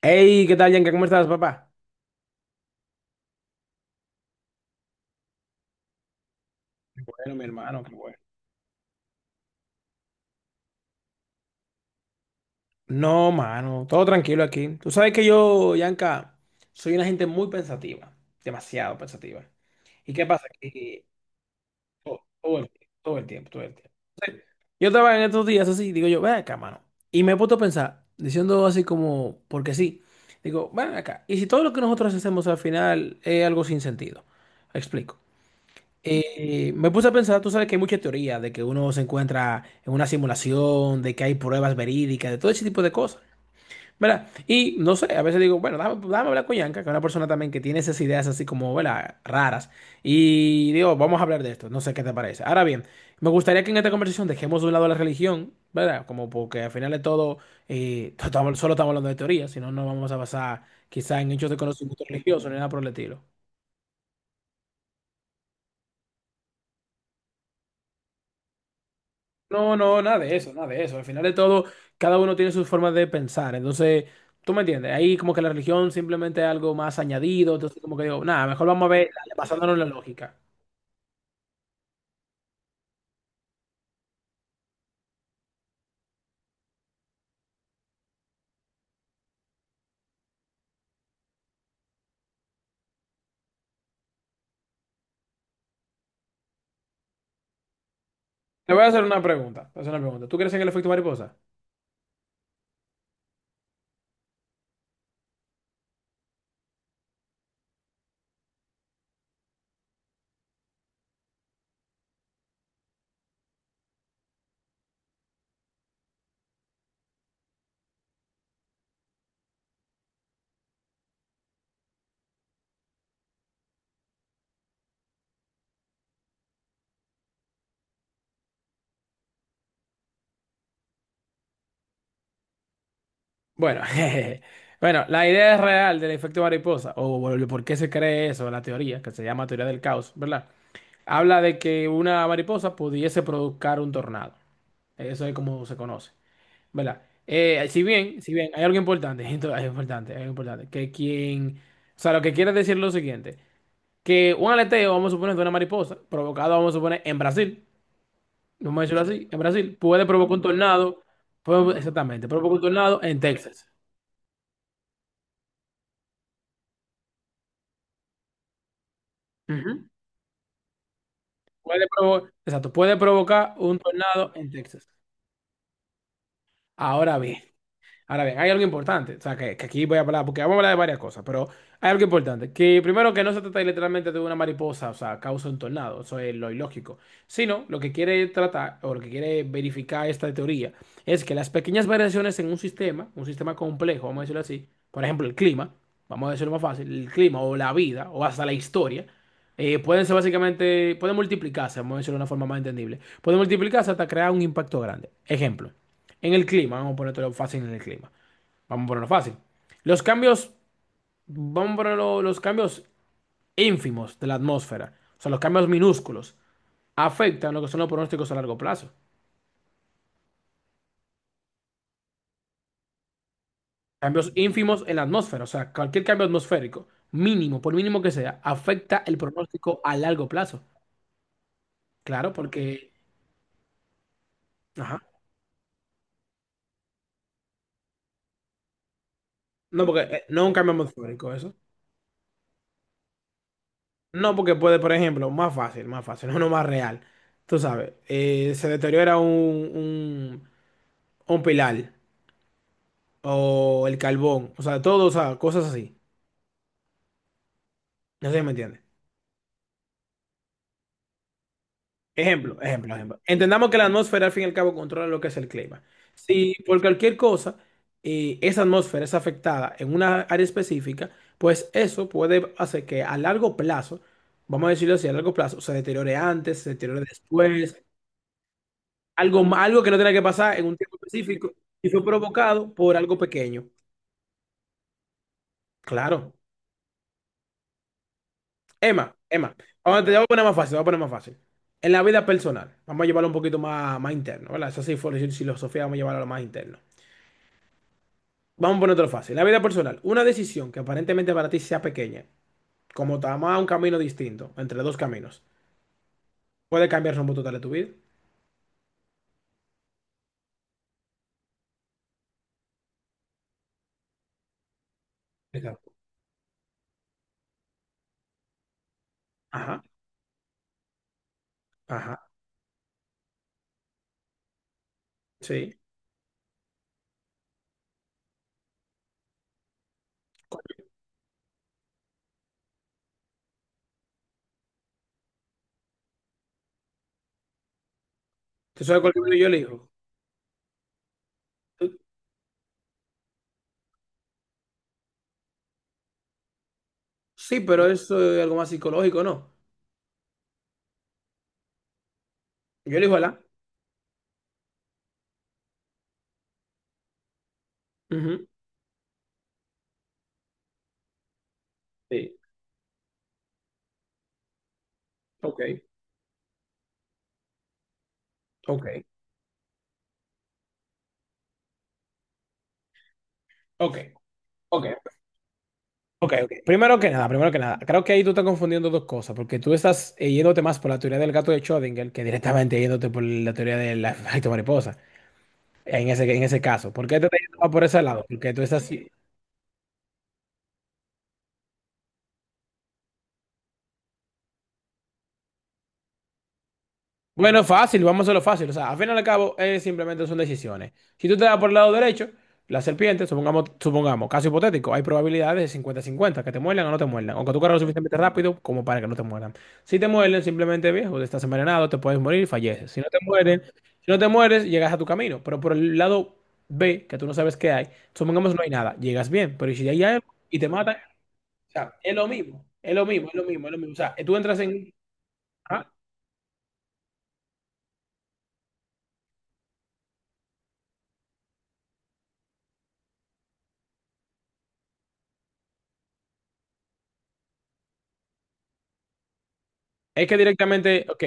Hey, ¿qué tal, Yanka? ¿Cómo estás, papá? Bueno, mi hermano, qué bueno. No, mano, todo tranquilo aquí. Tú sabes que yo, Yanka, soy una gente muy pensativa, demasiado pensativa. ¿Y qué pasa? Que todo el, tiempo, todo el tiempo, todo el tiempo. Yo estaba en estos días así, digo yo, ven acá, mano. Y me he puesto a pensar, diciendo así como, porque sí, digo, ven acá. ¿Y si todo lo que nosotros hacemos al final es algo sin sentido? Explico. Me puse a pensar, tú sabes que hay mucha teoría de que uno se encuentra en una simulación, de que hay pruebas verídicas, de todo ese tipo de cosas, ¿verdad? Y no sé, a veces digo, bueno, déjame hablar con Yanka, que es una persona también que tiene esas ideas así como, ¿verdad? Raras. Y digo, vamos a hablar de esto, no sé qué te parece. Ahora bien, me gustaría que en esta conversación dejemos de un lado la religión, ¿verdad? Como porque al final de todo, solo estamos hablando de teoría, si no, no vamos a basar quizá en hechos de conocimiento religioso ni nada por el estilo. No, no, nada de eso, nada de eso. Al final de todo, cada uno tiene sus formas de pensar. Entonces, tú me entiendes, ahí como que la religión simplemente es algo más añadido. Entonces, como que digo, nada, mejor vamos a ver, dale, basándonos en la lógica. Te voy a hacer una pregunta, te voy a hacer una pregunta. ¿Tú crees en el efecto mariposa? Bueno, jeje. Bueno, la idea real del efecto mariposa, o el por qué se cree eso, la teoría, que se llama teoría del caos, ¿verdad? Habla de que una mariposa pudiese provocar un tornado. Eso es como se conoce. ¿Verdad? Si bien, hay algo importante, hay algo importante, que quien, o sea, lo que quiere decir es lo siguiente, que un aleteo, vamos a suponer, de una mariposa, provocado, vamos a suponer, en Brasil, vamos a decirlo así, en Brasil, puede provocar un tornado, exactamente, provoca un tornado en Texas. Ujú. Exacto, puede provocar un tornado en Texas. Ahora bien. Ahora bien, hay algo importante, o sea, que aquí voy a hablar, porque vamos a hablar de varias cosas, pero hay algo importante, que primero que no se trata literalmente de una mariposa, o sea, causa un tornado, eso es lo ilógico, sino lo que quiere tratar o lo que quiere verificar esta teoría es que las pequeñas variaciones en un sistema complejo, vamos a decirlo así, por ejemplo, el clima, vamos a decirlo más fácil, el clima o la vida o hasta la historia, pueden ser básicamente, pueden multiplicarse, vamos a decirlo de una forma más entendible, pueden multiplicarse hasta crear un impacto grande. Ejemplo. En el clima, vamos a ponértelo fácil en el clima. Vamos a ponerlo fácil. Los cambios, vamos a ponerlo, los cambios ínfimos de la atmósfera, o sea, los cambios minúsculos, afectan lo que son los pronósticos a largo plazo. Cambios ínfimos en la atmósfera, o sea, cualquier cambio atmosférico, mínimo, por mínimo que sea, afecta el pronóstico a largo plazo. Claro, porque. Ajá. No, porque no es un cambio atmosférico eso. No, porque puede, por ejemplo, más fácil, no, no más real. Tú sabes, se deteriora un, un pilar o el carbón, o sea, todo, o sea, cosas así. No sé si me entiendes. Ejemplo, ejemplo, ejemplo. Entendamos que la atmósfera al fin y al cabo controla lo que es el clima. Si por cualquier cosa esa atmósfera es afectada en una área específica, pues eso puede hacer que a largo plazo, vamos a decirlo así, a largo plazo, se deteriore antes, se deteriore después, algo que no tenía que pasar en un tiempo específico y fue provocado por algo pequeño. Claro. Emma, Emma, vamos, te voy a poner más fácil, te voy a poner más fácil. En la vida personal, vamos a llevarlo un poquito más, más interno, ¿verdad? Esa sí fue la filosofía, vamos a llevarlo a lo más interno. Vamos a poner otro fácil. En la vida personal, una decisión que aparentemente para ti sea pequeña, como tomar un camino distinto, entre dos caminos, puede cambiar el rumbo total de tu vida. Venga. Ajá, ajá, sí. ¿Tú sabes cuál libro yo elijo? Tú- Sí, pero eso es algo más psicológico, ¿no? Yo elijo el A. Ujú. Sí. Ok, ok, ok, ok. Ok, ok. Primero que nada, creo que ahí tú estás confundiendo dos cosas, porque tú estás yéndote más por la teoría del gato de Schrödinger que directamente yéndote por la teoría del efecto mariposa, en ese caso. ¿Por qué te estás yendo más por ese lado? Porque tú estás. Bueno, fácil, vamos a lo fácil. O sea, al final y al cabo, simplemente son decisiones. Si tú te das por el lado derecho, la serpiente, supongamos, caso hipotético, hay probabilidades de 50 cincuenta que te muerdan o no te muerdan, o que tú corras lo suficientemente rápido como para que no te muerdan. Si te muerden, simplemente viejo, estás envenenado, te puedes morir y falleces. Si no te mueren, si no te mueres, llegas a tu camino. Pero por el lado B, que tú no sabes qué hay, supongamos no hay nada, llegas bien, pero ¿y si ahí hay algo y te matan? O sea, es lo mismo, es lo mismo, es lo mismo, es lo mismo. O sea, tú entras en. ¿Ah? Es que directamente, ok,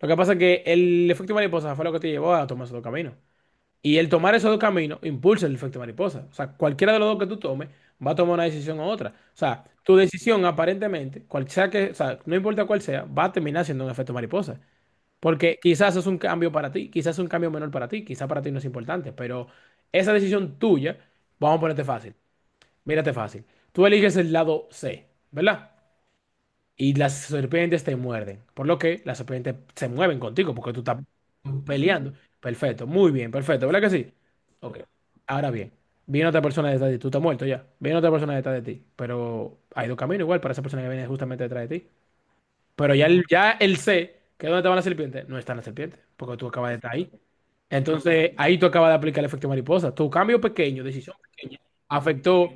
lo que pasa es que el efecto mariposa fue lo que te llevó a tomar esos dos caminos. Y el tomar esos dos caminos impulsa el efecto mariposa. O sea, cualquiera de los dos que tú tomes va a tomar una decisión u otra. O sea, tu decisión aparentemente, cual sea que, o sea, no importa cuál sea, va a terminar siendo un efecto mariposa. Porque quizás es un cambio para ti, quizás es un cambio menor para ti, quizás para ti no es importante, pero esa decisión tuya, vamos a ponerte fácil, mírate fácil. Tú eliges el lado C, ¿verdad? Y las serpientes te muerden. Por lo que las serpientes se mueven contigo porque tú estás peleando. Perfecto, muy bien, perfecto, ¿verdad que sí? Ok, ahora bien, viene otra persona detrás de ti, tú estás muerto ya, viene otra persona detrás de ti, pero hay dos caminos igual para esa persona que viene justamente detrás de ti. Pero ya el C, que es donde estaban las serpientes, no están las serpientes, porque tú acabas de estar ahí. Entonces, ahí tú acabas de aplicar el efecto mariposa. Tu cambio pequeño, decisión pequeña, afectó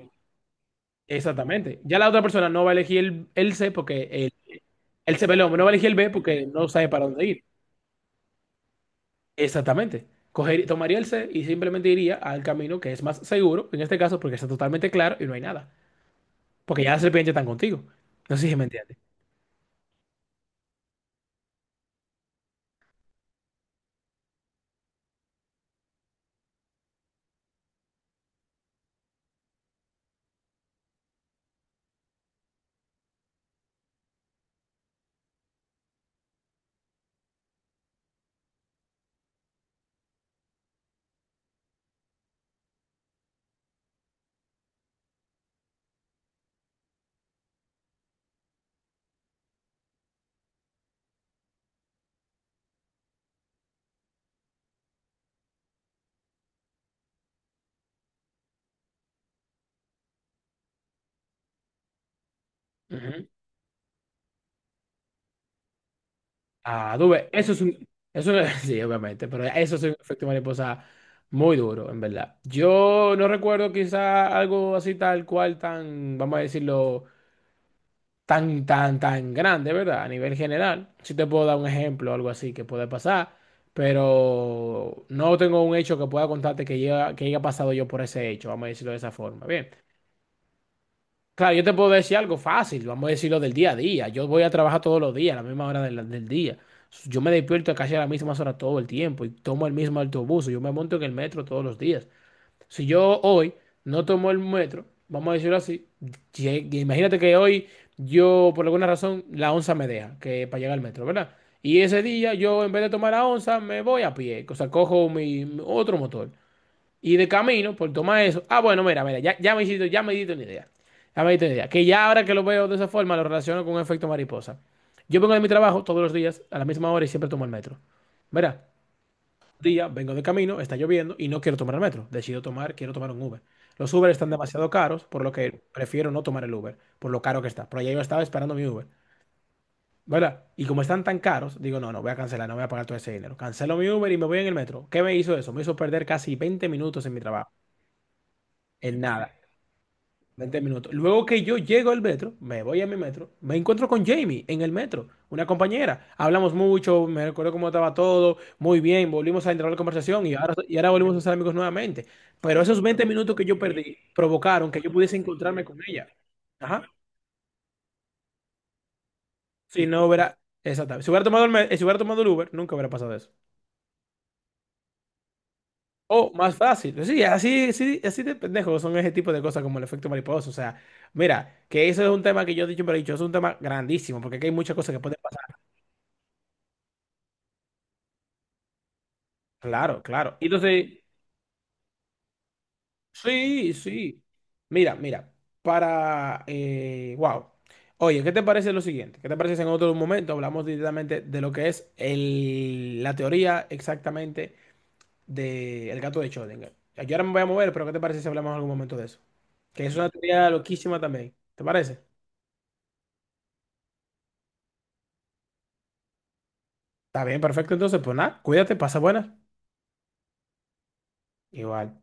exactamente. Ya la otra persona no va a elegir el C porque el C, perdón, no va a elegir el B porque no sabe para dónde ir. Exactamente. Tomaría el C y simplemente iría al camino que es más seguro, en este caso, porque está totalmente claro y no hay nada. Porque ya las serpientes están contigo. No sé si me entiendes. Ujú. Ah, tú ves, eso es un. Sí, obviamente, pero eso es un efecto mariposa muy duro, en verdad. Yo no recuerdo quizá algo así tal cual, tan, vamos a decirlo tan, tan, tan grande, ¿verdad? A nivel general. Sí te puedo dar un ejemplo o algo así que puede pasar, pero no tengo un hecho que pueda contarte que, que haya pasado yo por ese hecho, vamos a decirlo de esa forma. Bien. Claro, yo te puedo decir algo fácil, vamos a decirlo del día a día. Yo voy a trabajar todos los días, a la misma hora del día. Yo me despierto casi a las mismas horas todo el tiempo y tomo el mismo autobús. Yo me monto en el metro todos los días. Si yo hoy no tomo el metro, vamos a decirlo así, imagínate que hoy yo, por alguna razón, la onza me deja que para llegar al metro, ¿verdad? Y ese día yo, en vez de tomar la onza, me voy a pie, o sea, cojo mi otro motor. Y de camino, por tomar eso, ah, bueno, mira, mira, ya, ya me hiciste, ya me diste una idea. Ya me diste una idea. Que ya ahora que lo veo de esa forma, lo relaciono con un efecto mariposa. Yo vengo de mi trabajo todos los días, a la misma hora, y siempre tomo el metro. ¿Verdad? Día, vengo de camino, está lloviendo y no quiero tomar el metro. Decido tomar, quiero tomar un Uber. Los Uber están demasiado caros, por lo que prefiero no tomar el Uber, por lo caro que está. Por allá yo estaba esperando mi Uber, ¿verdad? Y como están tan caros, digo, no, no, voy a cancelar, no voy a pagar todo ese dinero. Cancelo mi Uber y me voy en el metro. ¿Qué me hizo eso? Me hizo perder casi 20 minutos en mi trabajo, en nada. 20 minutos. Luego que yo llego al metro, me voy a mi metro, me encuentro con Jamie en el metro, una compañera. Hablamos mucho, me recuerdo cómo estaba todo, muy bien, volvimos a entrar a la conversación y ahora volvimos a ser amigos nuevamente. Pero esos 20 minutos que yo perdí provocaron que yo pudiese encontrarme con ella. Ajá. Si no hubiera, exactamente. Si hubiera tomado el, si hubiera tomado el Uber, nunca hubiera pasado eso. O más fácil. Sí, así de pendejos son ese tipo de cosas como el efecto mariposa. O sea, mira, que eso es un tema que yo siempre he dicho, es un tema grandísimo, porque aquí hay muchas cosas que pueden pasar. Claro, claro. Y entonces, sí, sí. Mira, mira, para. Wow. Oye, ¿qué te parece lo siguiente? ¿Qué te parece si en otro momento hablamos directamente de lo que es el, la teoría exactamente del gato de Schrödinger? Yo ahora me voy a mover, pero ¿qué te parece si hablamos en algún momento de eso? Que es una teoría loquísima también. ¿Te parece? Está bien, perfecto. Entonces, pues nada, cuídate, pasa buenas. Igual.